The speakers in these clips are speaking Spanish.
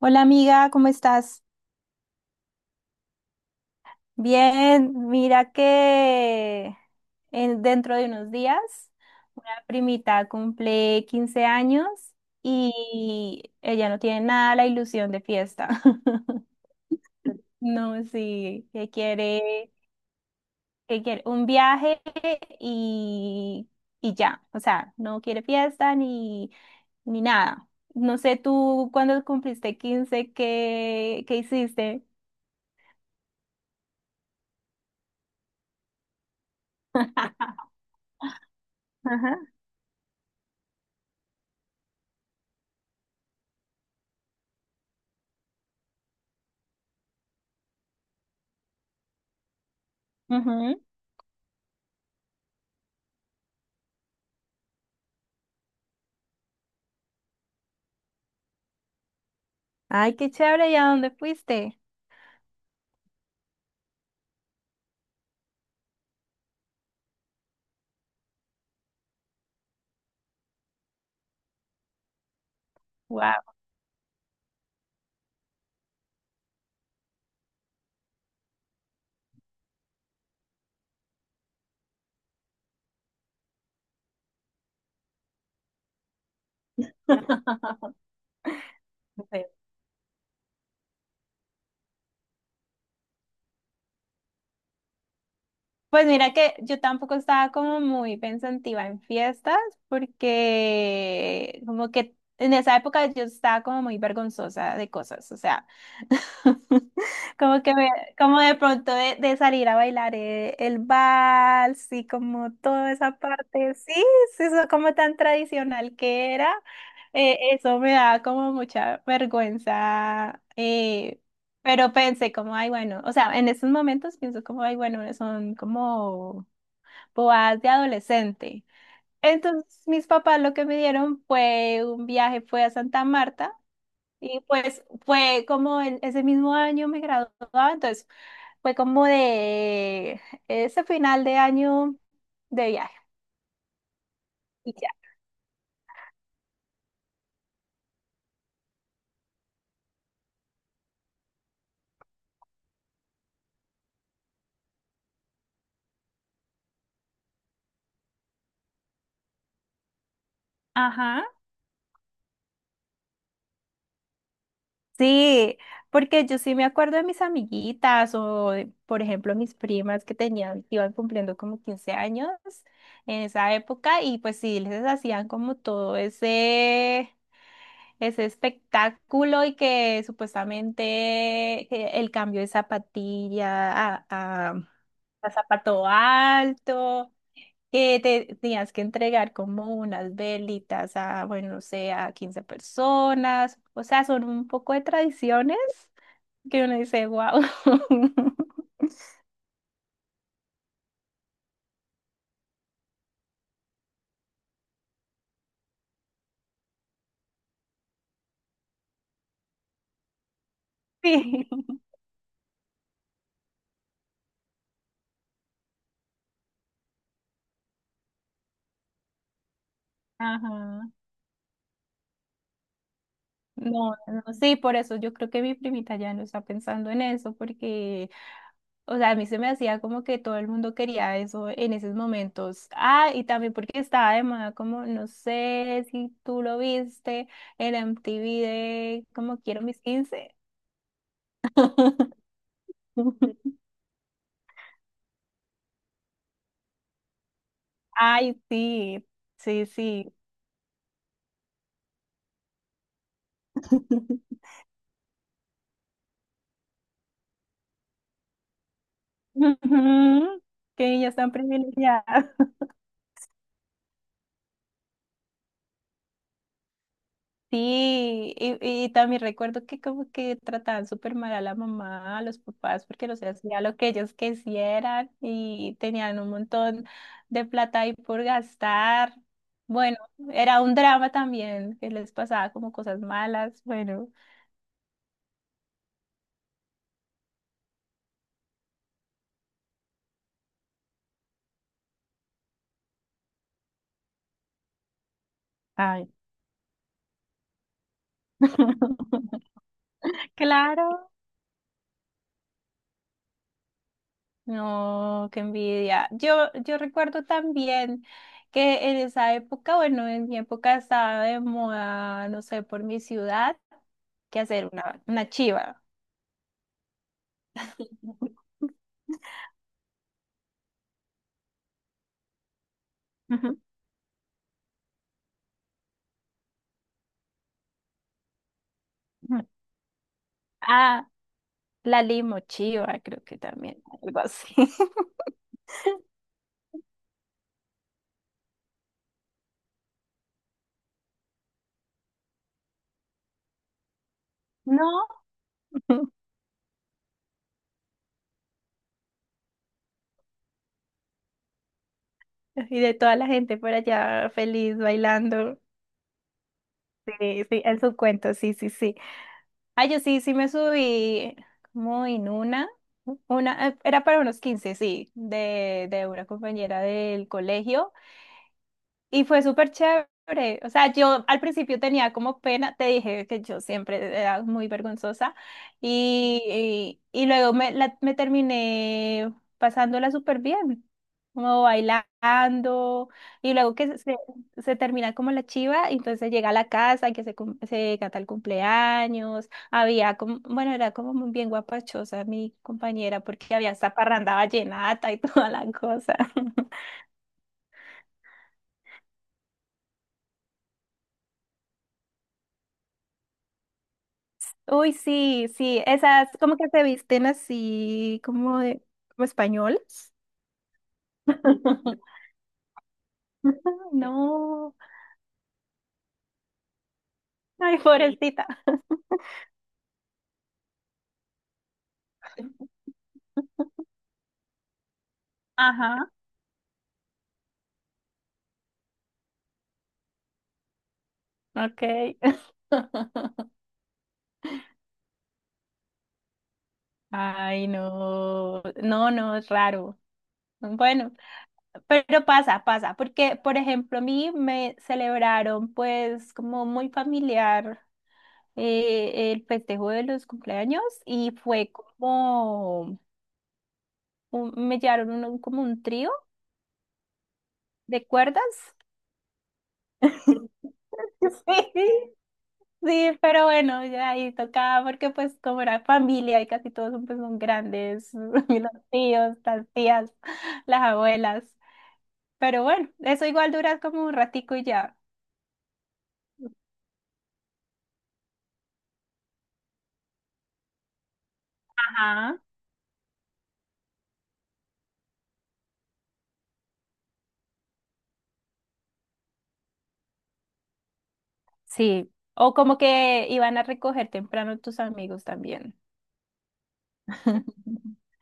Hola amiga, ¿cómo estás? Bien, mira que dentro de unos días una primita cumple 15 años y ella no tiene nada la ilusión de fiesta. No, sí, que quiere un viaje y, y ya, o sea, no quiere fiesta ni, ni nada. No sé tú cuando cumpliste quince, ¿qué, qué hiciste? Ajá. Ay, qué chévere, ¿y a dónde fuiste? Wow. Pues mira que yo tampoco estaba como muy pensativa en fiestas porque como que en esa época yo estaba como muy vergonzosa de cosas, o sea, como que me, como de pronto de salir a bailar el vals y como toda esa parte, sí, sí, eso como tan tradicional que era, eso me daba como mucha vergüenza. Pero pensé como, ay, bueno, o sea, en estos momentos pienso como, ay, bueno, son como boas de adolescente. Entonces, mis papás lo que me dieron fue un viaje, fue a Santa Marta, y pues fue como ese mismo año me graduaba, entonces fue como de ese final de año de viaje. Y ya. Ajá. Sí, porque yo sí me acuerdo de mis amiguitas o, de, por ejemplo, mis primas que tenían, que iban cumpliendo como 15 años en esa época y pues sí, les hacían como todo ese, ese espectáculo y que supuestamente el cambio de zapatilla a, a zapato alto que te tenías que entregar como unas velitas a, bueno, no sé, a 15 personas. O sea, son un poco de tradiciones que uno dice, wow. Sí. Ajá. No, no, sí, por eso yo creo que mi primita ya no está pensando en eso, porque, o sea, a mí se me hacía como que todo el mundo quería eso en esos momentos. Ah, y también porque estaba de moda, como, no sé si tú lo viste, el MTV de como quiero mis quince. Ay, sí, sí, sí. Ujú, que ellas están privilegiadas. Sí, y también recuerdo que como que trataban súper mal a la mamá, a los papás, porque no se hacía lo que ellos quisieran y tenían un montón de plata ahí por gastar. Bueno, era un drama también, que les pasaba como cosas malas. Bueno, ay, claro. No, qué envidia. Yo recuerdo también que en esa época, bueno, en mi época estaba de moda, no sé, por mi ciudad, que hacer una chiva. Ujú. Ujú. Ah, la limochiva, creo que también, algo así. No, y de toda la gente por allá feliz bailando. Sí, sí, en su cuento, sí, sí, sí. Ah, yo sí, sí me subí como en una, era para unos 15, sí, de una compañera del colegio. Y fue súper chévere. O sea, yo al principio tenía como pena, te dije que yo siempre era muy vergonzosa y luego me, me terminé pasándola súper bien, como bailando y luego que se termina como la chiva, y entonces llega a la casa y que se, se canta el cumpleaños. Había como, bueno, era como muy bien guapachosa mi compañera porque había hasta parranda vallenata y toda la cosa. Uy, sí, sí, esas como que se visten así como de, como españoles. No, ay, sí, pobrecita. Ajá, ok. Ay, no, no, no, es raro. Bueno, pero pasa, pasa, porque, por ejemplo, a mí me celebraron pues como muy familiar el festejo de los cumpleaños y fue como, me llevaron como un trío de cuerdas. Sí, sí, pero bueno, ya ahí tocaba porque pues como era familia y casi todos son, pues, son grandes, los tíos, las tías, las abuelas, pero bueno, eso igual dura como un ratico y ya. Ajá. Sí, o como que iban a recoger temprano tus amigos también.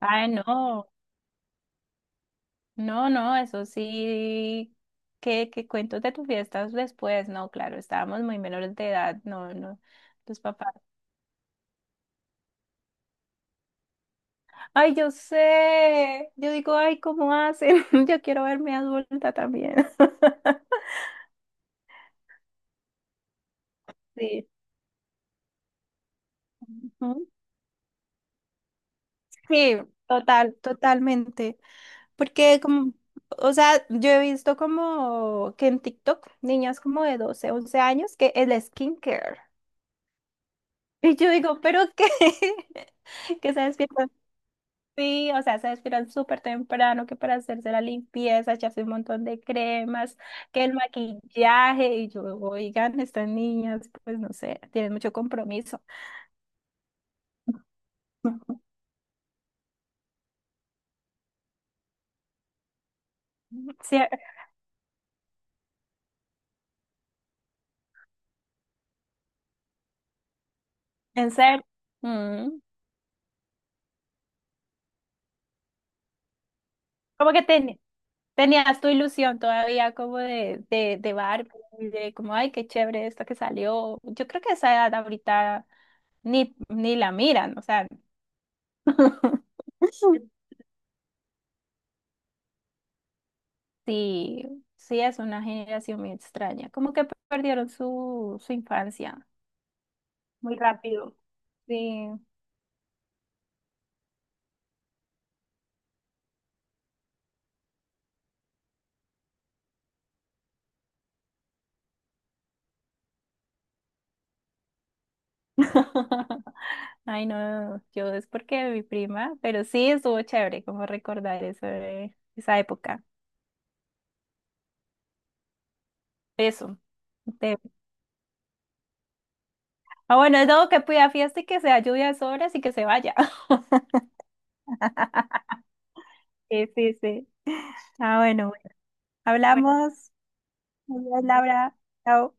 Ay, no, no, no, eso sí, que cuentos de tus fiestas después, no, claro, estábamos muy menores de edad, no, no, tus papás. Ay, yo sé. Yo digo, ay, ¿cómo hacen? Yo quiero verme adulta también. Sí. Ujú. Sí, total, totalmente. Porque como, o sea, yo he visto como que en TikTok niñas como de 12, 11 años que el skincare. Y yo digo, ¿pero qué? Que se despierta. Sí, o sea, se despiertan súper temprano que para hacerse la limpieza, echarse un montón de cremas, que el maquillaje, y yo, oigan, estas niñas, pues no sé, tienen mucho compromiso. Sí, en serio. Mm. Como que ten- Tenías tu ilusión todavía como de Barbie, de como, ay, qué chévere esto que salió. Yo creo que esa edad ahorita ni, ni la miran, o sea. Sí, sí, es una generación muy extraña. Como que perdieron su, su infancia. Muy rápido. Sí. Ay, no, yo es porque mi prima, pero sí estuvo chévere como recordar eso esa época. Eso. Te- ah, bueno, es todo que pida fiesta y que sea lluvia horas y que se vaya. Sí, sí, sí. Ah, bueno, bueno. Bueno, hablamos. Adiós, Laura. Chao.